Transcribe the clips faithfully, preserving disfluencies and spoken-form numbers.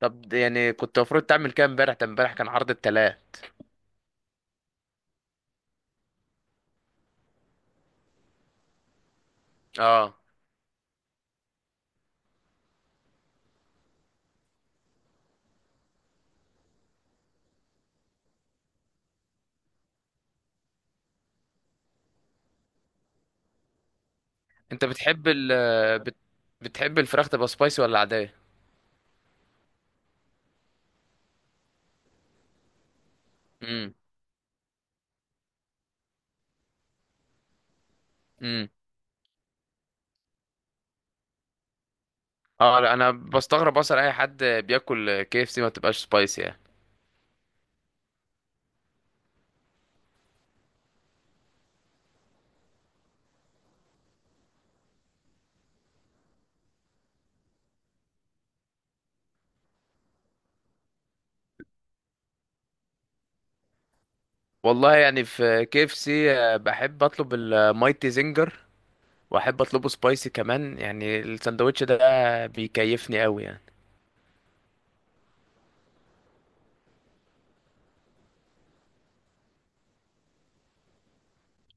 طب يعني كنت المفروض تعمل كده امبارح، ده امبارح كان عرض التلات. اه، انت بتحب ال بت... بتحب الفراخ تبقى سبايسي ولا عادية؟ امم. امم. اه، لا، انا بستغرب اصلا اي حد بياكل كي اف سي ما بتبقاش سبايسي يعني. والله يعني في كي اف سي بحب اطلب المايتي زنجر، واحب اطلبه سبايسي كمان، يعني الساندوتش ده بيكيفني قوي يعني.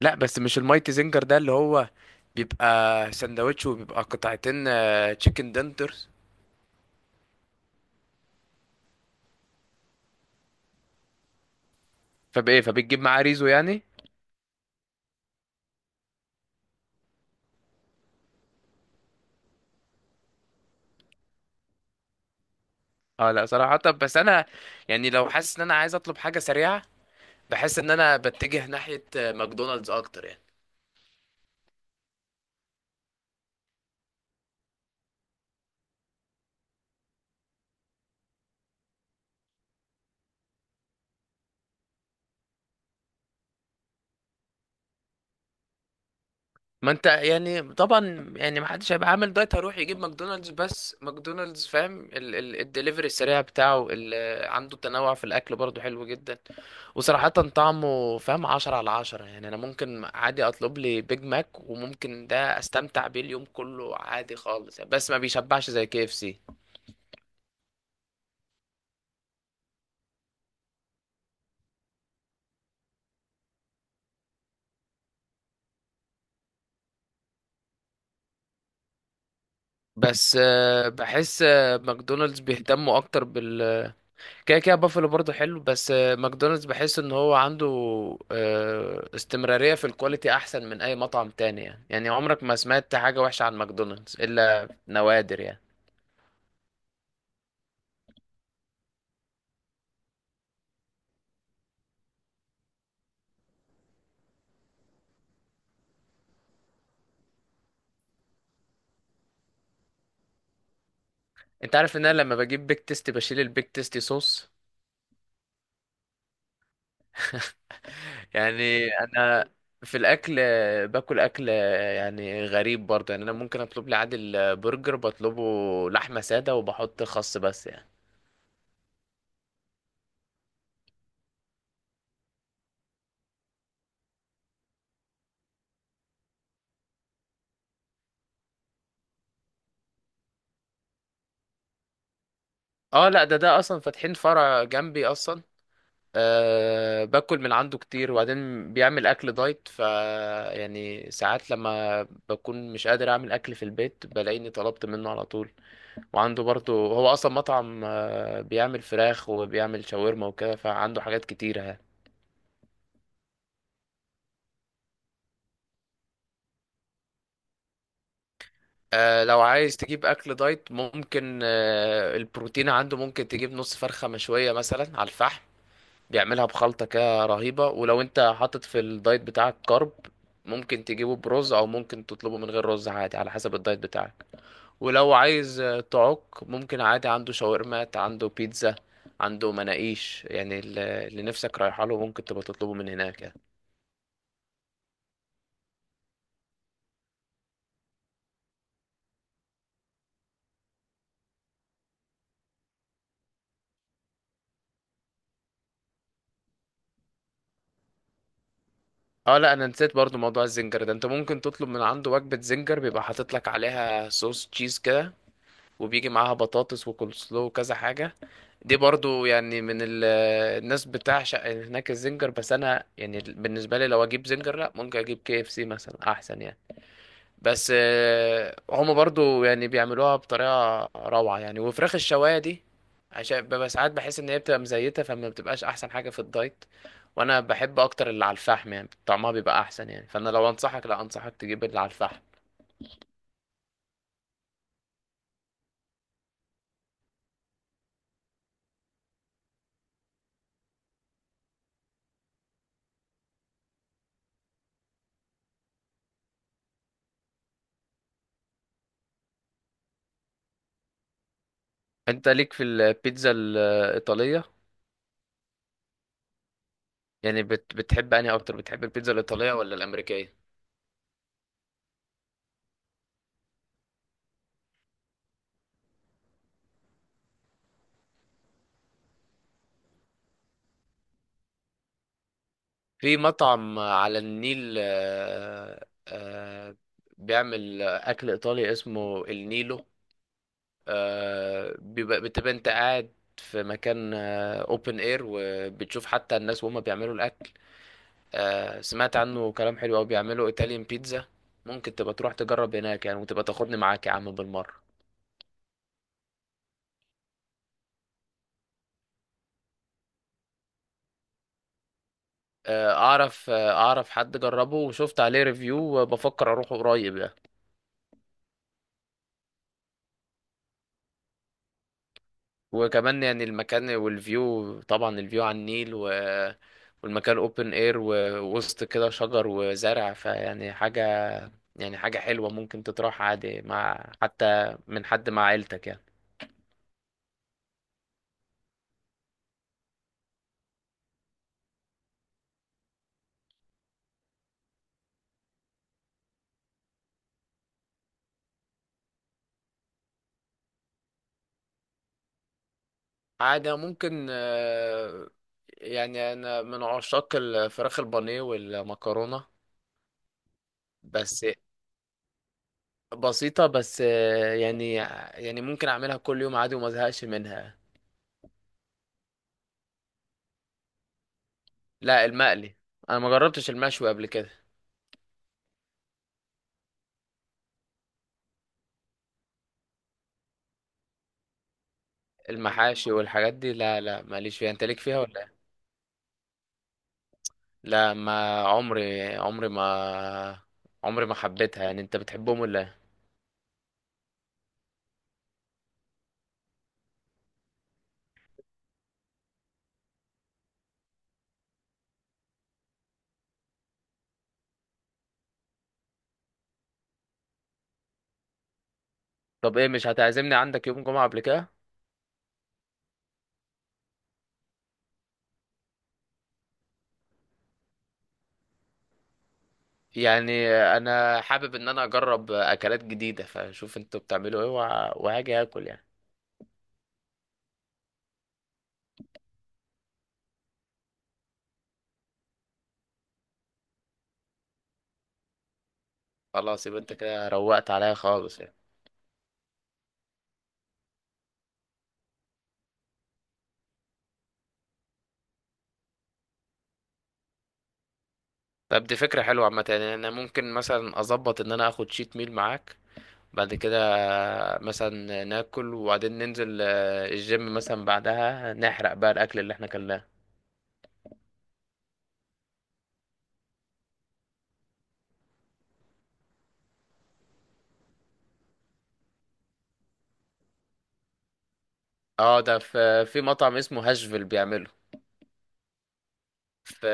لا بس مش المايتي زنجر ده اللي هو بيبقى ساندوتش، وبيبقى قطعتين تشيكن دنترز. فبايه، فبتجيب معاه ريزو يعني؟ اه لا صراحة، بس انا يعني لو حاسس ان انا عايز اطلب حاجة سريعة بحس ان انا بتجه ناحية آه، ماكدونالدز اكتر يعني. ما انت يعني طبعا يعني ما حدش هيبقى عامل دايت هيروح يجيب ماكدونالدز. بس ماكدونالدز فاهم، ال- ال- الدليفري السريع بتاعه ال- آه، عنده تنوع في الاكل برضه حلو جدا. وصراحة طعمه فاهم عشرة على عشرة يعني، أنا ممكن عادي أطلب لي بيج ماك وممكن ده أستمتع بيه اليوم كله عادي خالص يعني. بس ما بيشبعش زي كي اف سي. بس آه، بحس آه، ماكدونالدز بيهتموا اكتر بال، كده كده بافلو برضه حلو. بس آه، ماكدونالدز بحس ان هو عنده آه، استمرارية في الكواليتي احسن من اي مطعم تاني يعني، يعني عمرك ما سمعت حاجة وحشة عن ماكدونالدز الا نوادر يعني. انت عارف ان انا لما بجيب بيك تيستي بشيل البيك تيستي صوص؟ يعني انا في الاكل آه، باكل اكل آه، يعني غريب برضه، يعني انا ممكن اطلب لي عادل آه، برجر، بطلبه لحمة سادة وبحط خس بس يعني. اه لا، ده ده اصلا فاتحين فرع جنبي اصلا. أه، باكل من عنده كتير، وبعدين بيعمل اكل دايت، ف يعني ساعات لما بكون مش قادر اعمل اكل في البيت بلاقيني طلبت منه على طول. وعنده برضه هو اصلا مطعم آه، بيعمل فراخ وبيعمل شاورما وكده، فعنده حاجات كتيرة يعني. أه لو عايز تجيب اكل دايت ممكن أه البروتين عنده، ممكن تجيب نص فرخة مشوية مثلا على الفحم، بيعملها بخلطة كده رهيبة. ولو انت حاطط في الدايت بتاعك كارب ممكن تجيبه برز، او ممكن تطلبه من غير رز عادي على حسب الدايت بتاعك. ولو عايز آه، تعك ممكن عادي عنده شاورمات، عنده بيتزا، عنده مناقيش، يعني ال- اللي نفسك رايحه له ممكن تبقى تطلبه من هناك يعني. اه لا، انا نسيت برضو موضوع الزنجر ده. انت ممكن تطلب من عنده وجبة زنجر، بيبقى حاطط لك عليها صوص تشيز كده، وبيجي معاها بطاطس وكول سلو وكذا حاجة. دي برضو يعني من ال- الناس بتعشق هناك الزنجر. بس انا يعني بالنسبة لي لو اجيب زنجر، لا ممكن اجيب كي اف سي مثلا احسن يعني. بس آه، هم برضو يعني بيعملوها بطريقة روعة يعني. وفراخ الشواية دي عشان ببقى ساعات بحس ان هي بتبقى مزيتة، فما بتبقاش احسن حاجة في الدايت. وانا بحب اكتر اللي على الفحم يعني، طعمها بيبقى احسن يعني، فانا لو انصحك لا انصحك تجيب اللي على الفحم. انت ليك في البيتزا الايطالية؟ يعني بت... بتحب انهي اكتر، بتحب البيتزا الايطاليه ولا الامريكيه؟ في مطعم على النيل آه، آه، بيعمل اكل ايطالي اسمه النيلو. آه، بيبقى بتبقى انت قاعد في مكان اوبن اير وبتشوف حتى الناس وهم بيعملوا الاكل. آه، سمعت عنه كلام حلو قوي، بيعملوا ايطاليان بيتزا. ممكن تبقى تروح تجرب هناك يعني، وتبقى تاخدني معاك يا عم بالمره. آه، اعرف آه، اعرف حد جربه وشفت عليه ريفيو وبفكر اروح قريب يعني. وكمان يعني المكان والفيو، طبعا الفيو على النيل و... والمكان اوبن اير ووسط كده شجر وزرع، فيعني حاجة، يعني حاجة حلوة ممكن تتراح عادي مع حتى من حد مع عيلتك يعني. عادة ممكن آه، يعني أنا من عشاق الفراخ البانيه والمكرونة. بس بسيطة بس آه، يعني يعني ممكن أعملها كل يوم عادي وما أزهقش منها. لا المقلي، أنا ما جربتش المشوي قبل كده. المحاشي والحاجات دي لا، لا ماليش فيها، انت ليك فيها ولا ايه؟ لا ما عمري، عمري ما، عمري ما حبيتها يعني. انت بتحبهم ولا ايه؟ طب ايه مش هتعزمني عندك يوم جمعة قبل كده؟ يعني انا حابب ان انا اجرب اكلات جديدة، فشوف انتوا بتعملوا ايه وه- وهاجي اكل يعني. خلاص، يبقى انت كده روقت عليا خالص يعني. طب دي فكرة حلوة عامة، يعني انا ممكن مثلا اظبط ان انا اخد شيت ميل معاك بعد كده، مثلا ناكل وبعدين ننزل آه، الجيم مثلا، بعدها نحرق بقى الاكل اللي احنا كلناه. اه ده في في مطعم اسمه هاشفيل بيعمله. في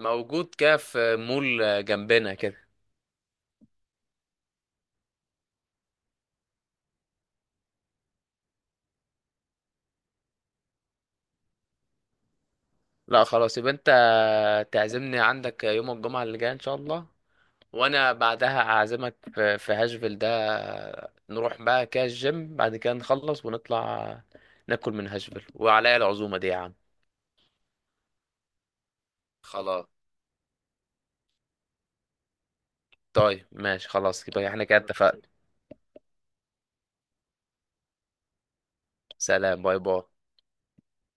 موجود كده في مول جنبنا كده. لا خلاص يبقى انت تعزمني عندك يوم الجمعة اللي جاية ان شاء الله، وانا بعدها اعزمك في في هاشفيل ده، نروح بقى كده الجيم بعد كده نخلص ونطلع ناكل من هاشفيل، وعليا العزومة دي يا عم. خلاص. طيب ماشي، خلاص كده احنا كده اتفقنا. سلام، باي باي.